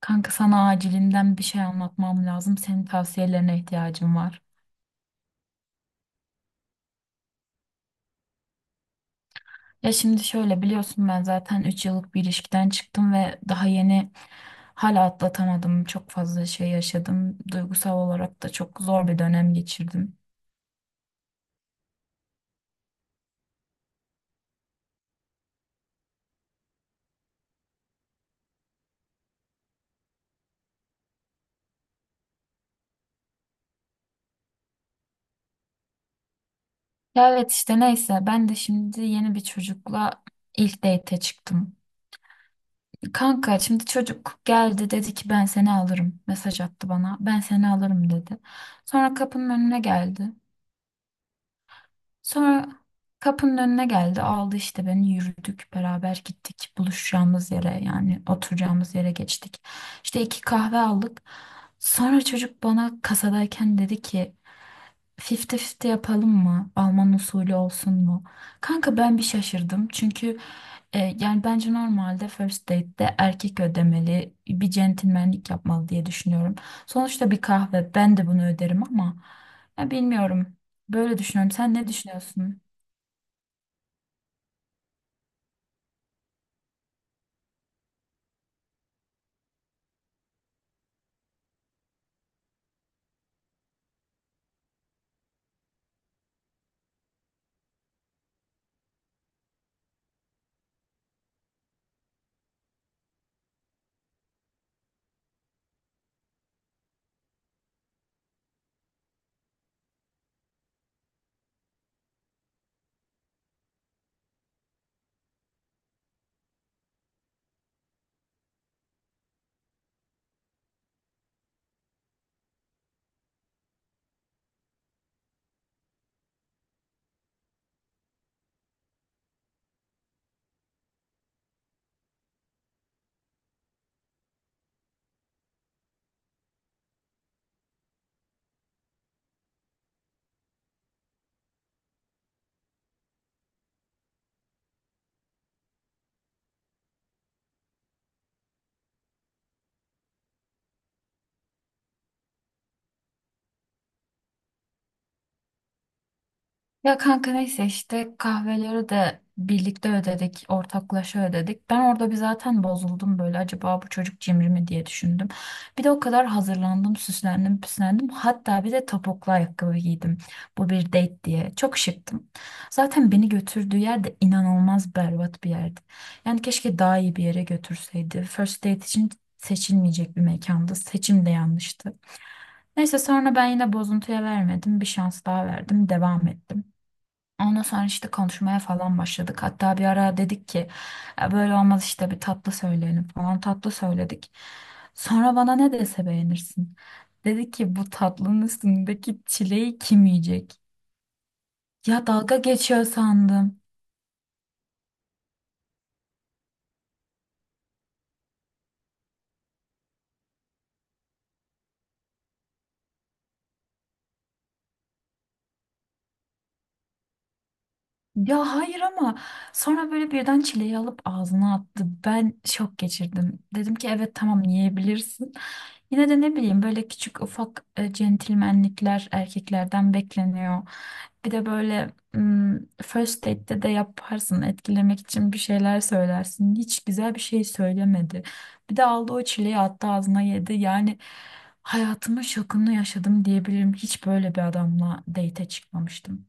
Kanka sana acilinden bir şey anlatmam lazım. Senin tavsiyelerine ihtiyacım var. Ya şimdi şöyle biliyorsun ben zaten 3 yıllık bir ilişkiden çıktım ve daha yeni hala atlatamadım. Çok fazla şey yaşadım. Duygusal olarak da çok zor bir dönem geçirdim. Ya evet işte neyse ben de şimdi yeni bir çocukla ilk date'e çıktım. Kanka şimdi çocuk geldi dedi ki ben seni alırım. Mesaj attı bana. Ben seni alırım dedi. Sonra kapının önüne geldi. Sonra kapının önüne geldi, aldı işte beni, yürüdük beraber gittik buluşacağımız yere yani oturacağımız yere geçtik. İşte 2 kahve aldık. Sonra çocuk bana kasadayken dedi ki 50-50 yapalım mı? Alman usulü olsun mu? Kanka ben bir şaşırdım çünkü yani bence normalde first date'de erkek ödemeli bir centilmenlik yapmalı diye düşünüyorum. Sonuçta bir kahve ben de bunu öderim ama ya bilmiyorum, böyle düşünüyorum. Sen ne düşünüyorsun? Ya kanka neyse işte kahveleri de birlikte ödedik, ortaklaşa ödedik. Ben orada bir zaten bozuldum, böyle acaba bu çocuk cimri mi diye düşündüm. Bir de o kadar hazırlandım, süslendim, püslendim. Hatta bir de topuklu ayakkabı giydim. Bu bir date diye. Çok şıktım. Zaten beni götürdüğü yer de inanılmaz berbat bir yerdi. Yani keşke daha iyi bir yere götürseydi. First date için seçilmeyecek bir mekanda. Seçim de yanlıştı. Neyse sonra ben yine bozuntuya vermedim. Bir şans daha verdim. Devam ettim. Ondan sonra işte konuşmaya falan başladık. Hatta bir ara dedik ki "Ya böyle olmaz işte, bir tatlı söyleyelim" falan, tatlı söyledik. Sonra bana ne dese beğenirsin. Dedi ki bu tatlının üstündeki çileği kim yiyecek? Ya dalga geçiyor sandım. Ya hayır, ama sonra böyle birden çileği alıp ağzına attı. Ben şok geçirdim. Dedim ki evet tamam yiyebilirsin. Yine de ne bileyim, böyle küçük ufak centilmenlikler erkeklerden bekleniyor. Bir de böyle first date'te de yaparsın, etkilemek için bir şeyler söylersin. Hiç güzel bir şey söylemedi. Bir de aldı o çileği attı ağzına yedi. Yani hayatımın şokunu yaşadım diyebilirim. Hiç böyle bir adamla date'e çıkmamıştım.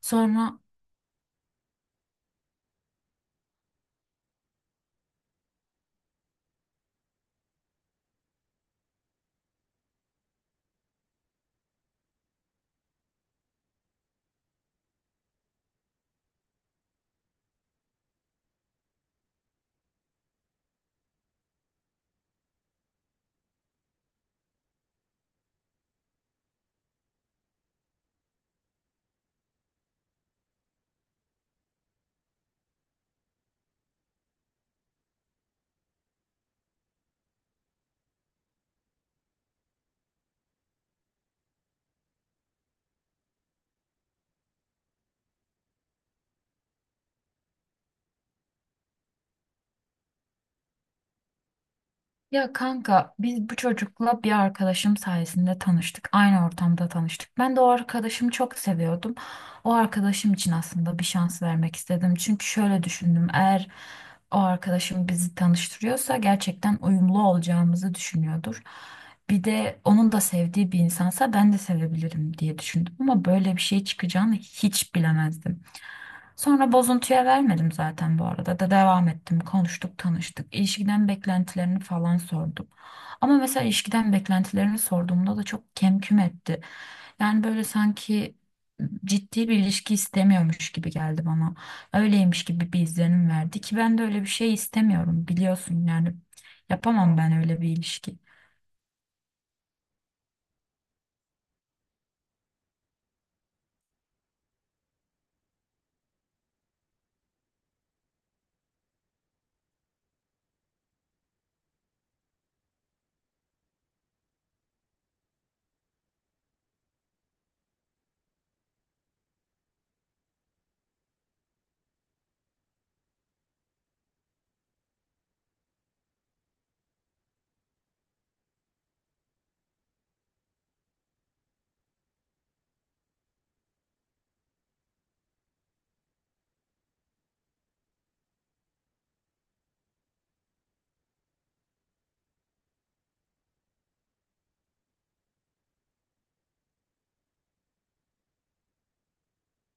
Sonra Ya kanka biz bu çocukla bir arkadaşım sayesinde tanıştık. Aynı ortamda tanıştık. Ben de o arkadaşımı çok seviyordum. O arkadaşım için aslında bir şans vermek istedim. Çünkü şöyle düşündüm. Eğer o arkadaşım bizi tanıştırıyorsa gerçekten uyumlu olacağımızı düşünüyordur. Bir de onun da sevdiği bir insansa ben de sevebilirim diye düşündüm. Ama böyle bir şey çıkacağını hiç bilemezdim. Sonra bozuntuya vermedim zaten, bu arada da devam ettim. Konuştuk, tanıştık. İlişkiden beklentilerini falan sordum. Ama mesela ilişkiden beklentilerini sorduğumda da çok kemküm etti. Yani böyle sanki ciddi bir ilişki istemiyormuş gibi geldi bana. Öyleymiş gibi bir izlenim verdi ki ben de öyle bir şey istemiyorum biliyorsun yani. Yapamam ben öyle bir ilişki.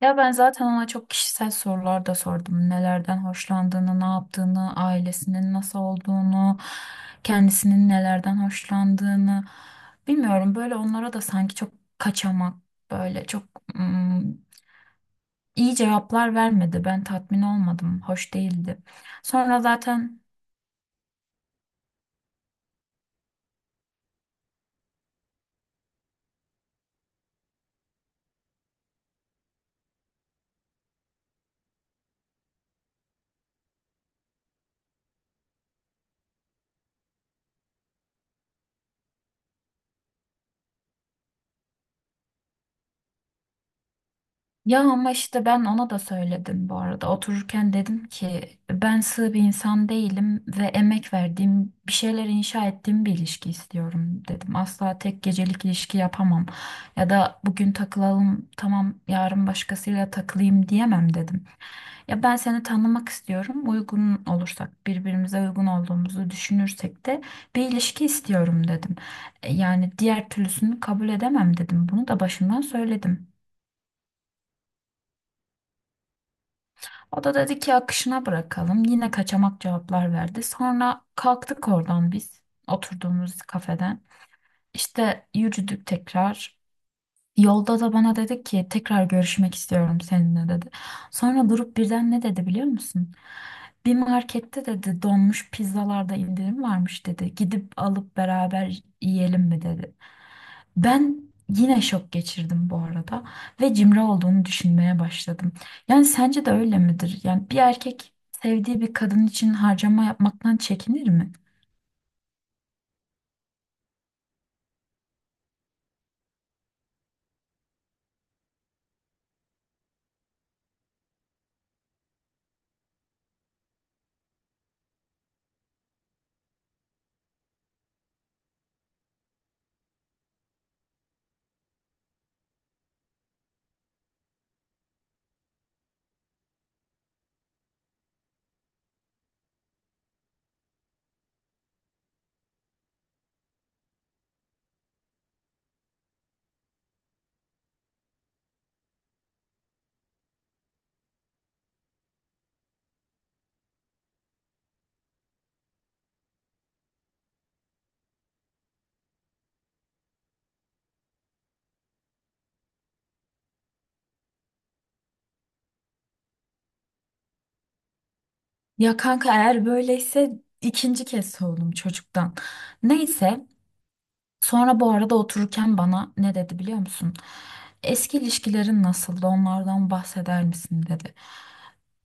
Ya ben zaten ona çok kişisel sorular da sordum. Nelerden hoşlandığını, ne yaptığını, ailesinin nasıl olduğunu, kendisinin nelerden hoşlandığını. Bilmiyorum, böyle onlara da sanki çok kaçamak, böyle çok ım, iyi cevaplar vermedi. Ben tatmin olmadım, hoş değildi. Sonra zaten Ya ama işte ben ona da söyledim bu arada. Otururken dedim ki ben sığ bir insan değilim ve emek verdiğim, bir şeyler inşa ettiğim bir ilişki istiyorum dedim. Asla tek gecelik ilişki yapamam. Ya da bugün takılalım tamam, yarın başkasıyla takılayım diyemem dedim. Ya ben seni tanımak istiyorum. Uygun olursak, birbirimize uygun olduğumuzu düşünürsek de bir ilişki istiyorum dedim. Yani diğer türlüsünü kabul edemem dedim. Bunu da başından söyledim. O da dedi ki akışına bırakalım. Yine kaçamak cevaplar verdi. Sonra kalktık oradan biz, oturduğumuz kafeden. İşte yürüdük tekrar. Yolda da bana dedi ki tekrar görüşmek istiyorum seninle dedi. Sonra durup birden ne dedi biliyor musun? Bir markette dedi donmuş pizzalarda indirim varmış dedi. Gidip alıp beraber yiyelim mi dedi. Ben yine şok geçirdim bu arada ve cimri olduğunu düşünmeye başladım. Yani sence de öyle midir? Yani bir erkek sevdiği bir kadın için harcama yapmaktan çekinir mi? Ya kanka eğer böyleyse ikinci kez soğudum çocuktan. Neyse. Sonra bu arada otururken bana ne dedi biliyor musun? Eski ilişkilerin nasıldı? Onlardan bahseder misin dedi.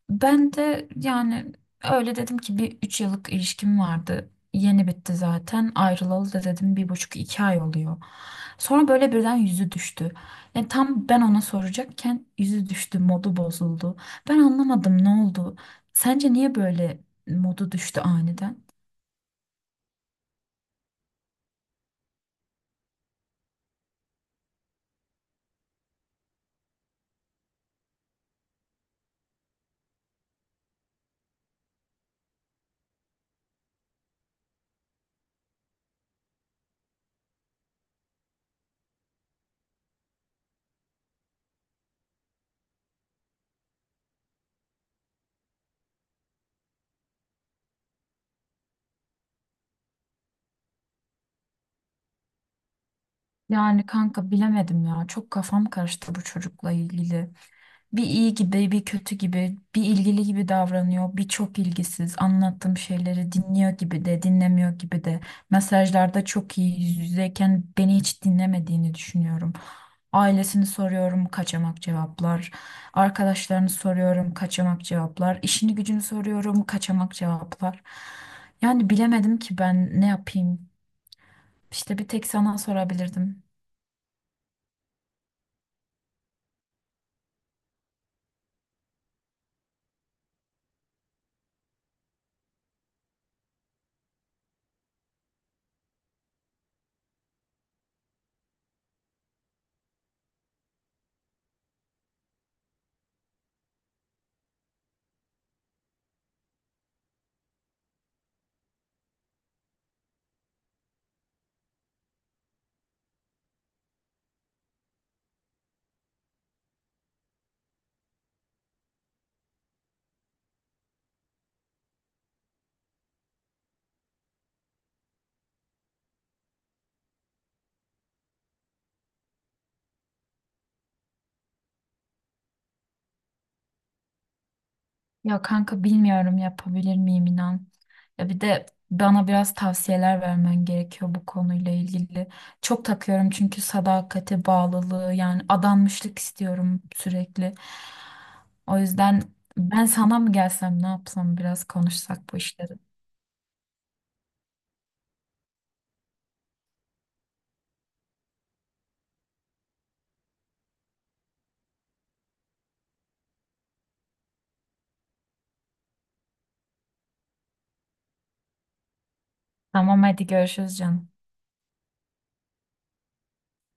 Ben de yani öyle dedim ki bir 3 yıllık ilişkim vardı. Yeni bitti zaten. Ayrılalı da dedim 1,5 2 ay oluyor. Sonra böyle birden yüzü düştü. Yani tam ben ona soracakken yüzü düştü, modu bozuldu. Ben anlamadım, ne oldu? Sence niye böyle modu düştü aniden? Yani kanka bilemedim ya. Çok kafam karıştı bu çocukla ilgili. Bir iyi gibi, bir kötü gibi, bir ilgili gibi davranıyor, bir çok ilgisiz. Anlattığım şeyleri dinliyor gibi de, dinlemiyor gibi de. Mesajlarda çok iyi, yüz yüzeyken beni hiç dinlemediğini düşünüyorum. Ailesini soruyorum, kaçamak cevaplar. Arkadaşlarını soruyorum, kaçamak cevaplar. İşini gücünü soruyorum, kaçamak cevaplar. Yani bilemedim ki ben ne yapayım. İşte bir tek sana sorabilirdim. Ya kanka bilmiyorum yapabilir miyim, inan. Ya bir de bana biraz tavsiyeler vermen gerekiyor bu konuyla ilgili. Çok takıyorum çünkü sadakati, bağlılığı, yani adanmışlık istiyorum sürekli. O yüzden ben sana mı gelsem, ne yapsam, biraz konuşsak bu işleri. Tamam hadi görüşürüz canım.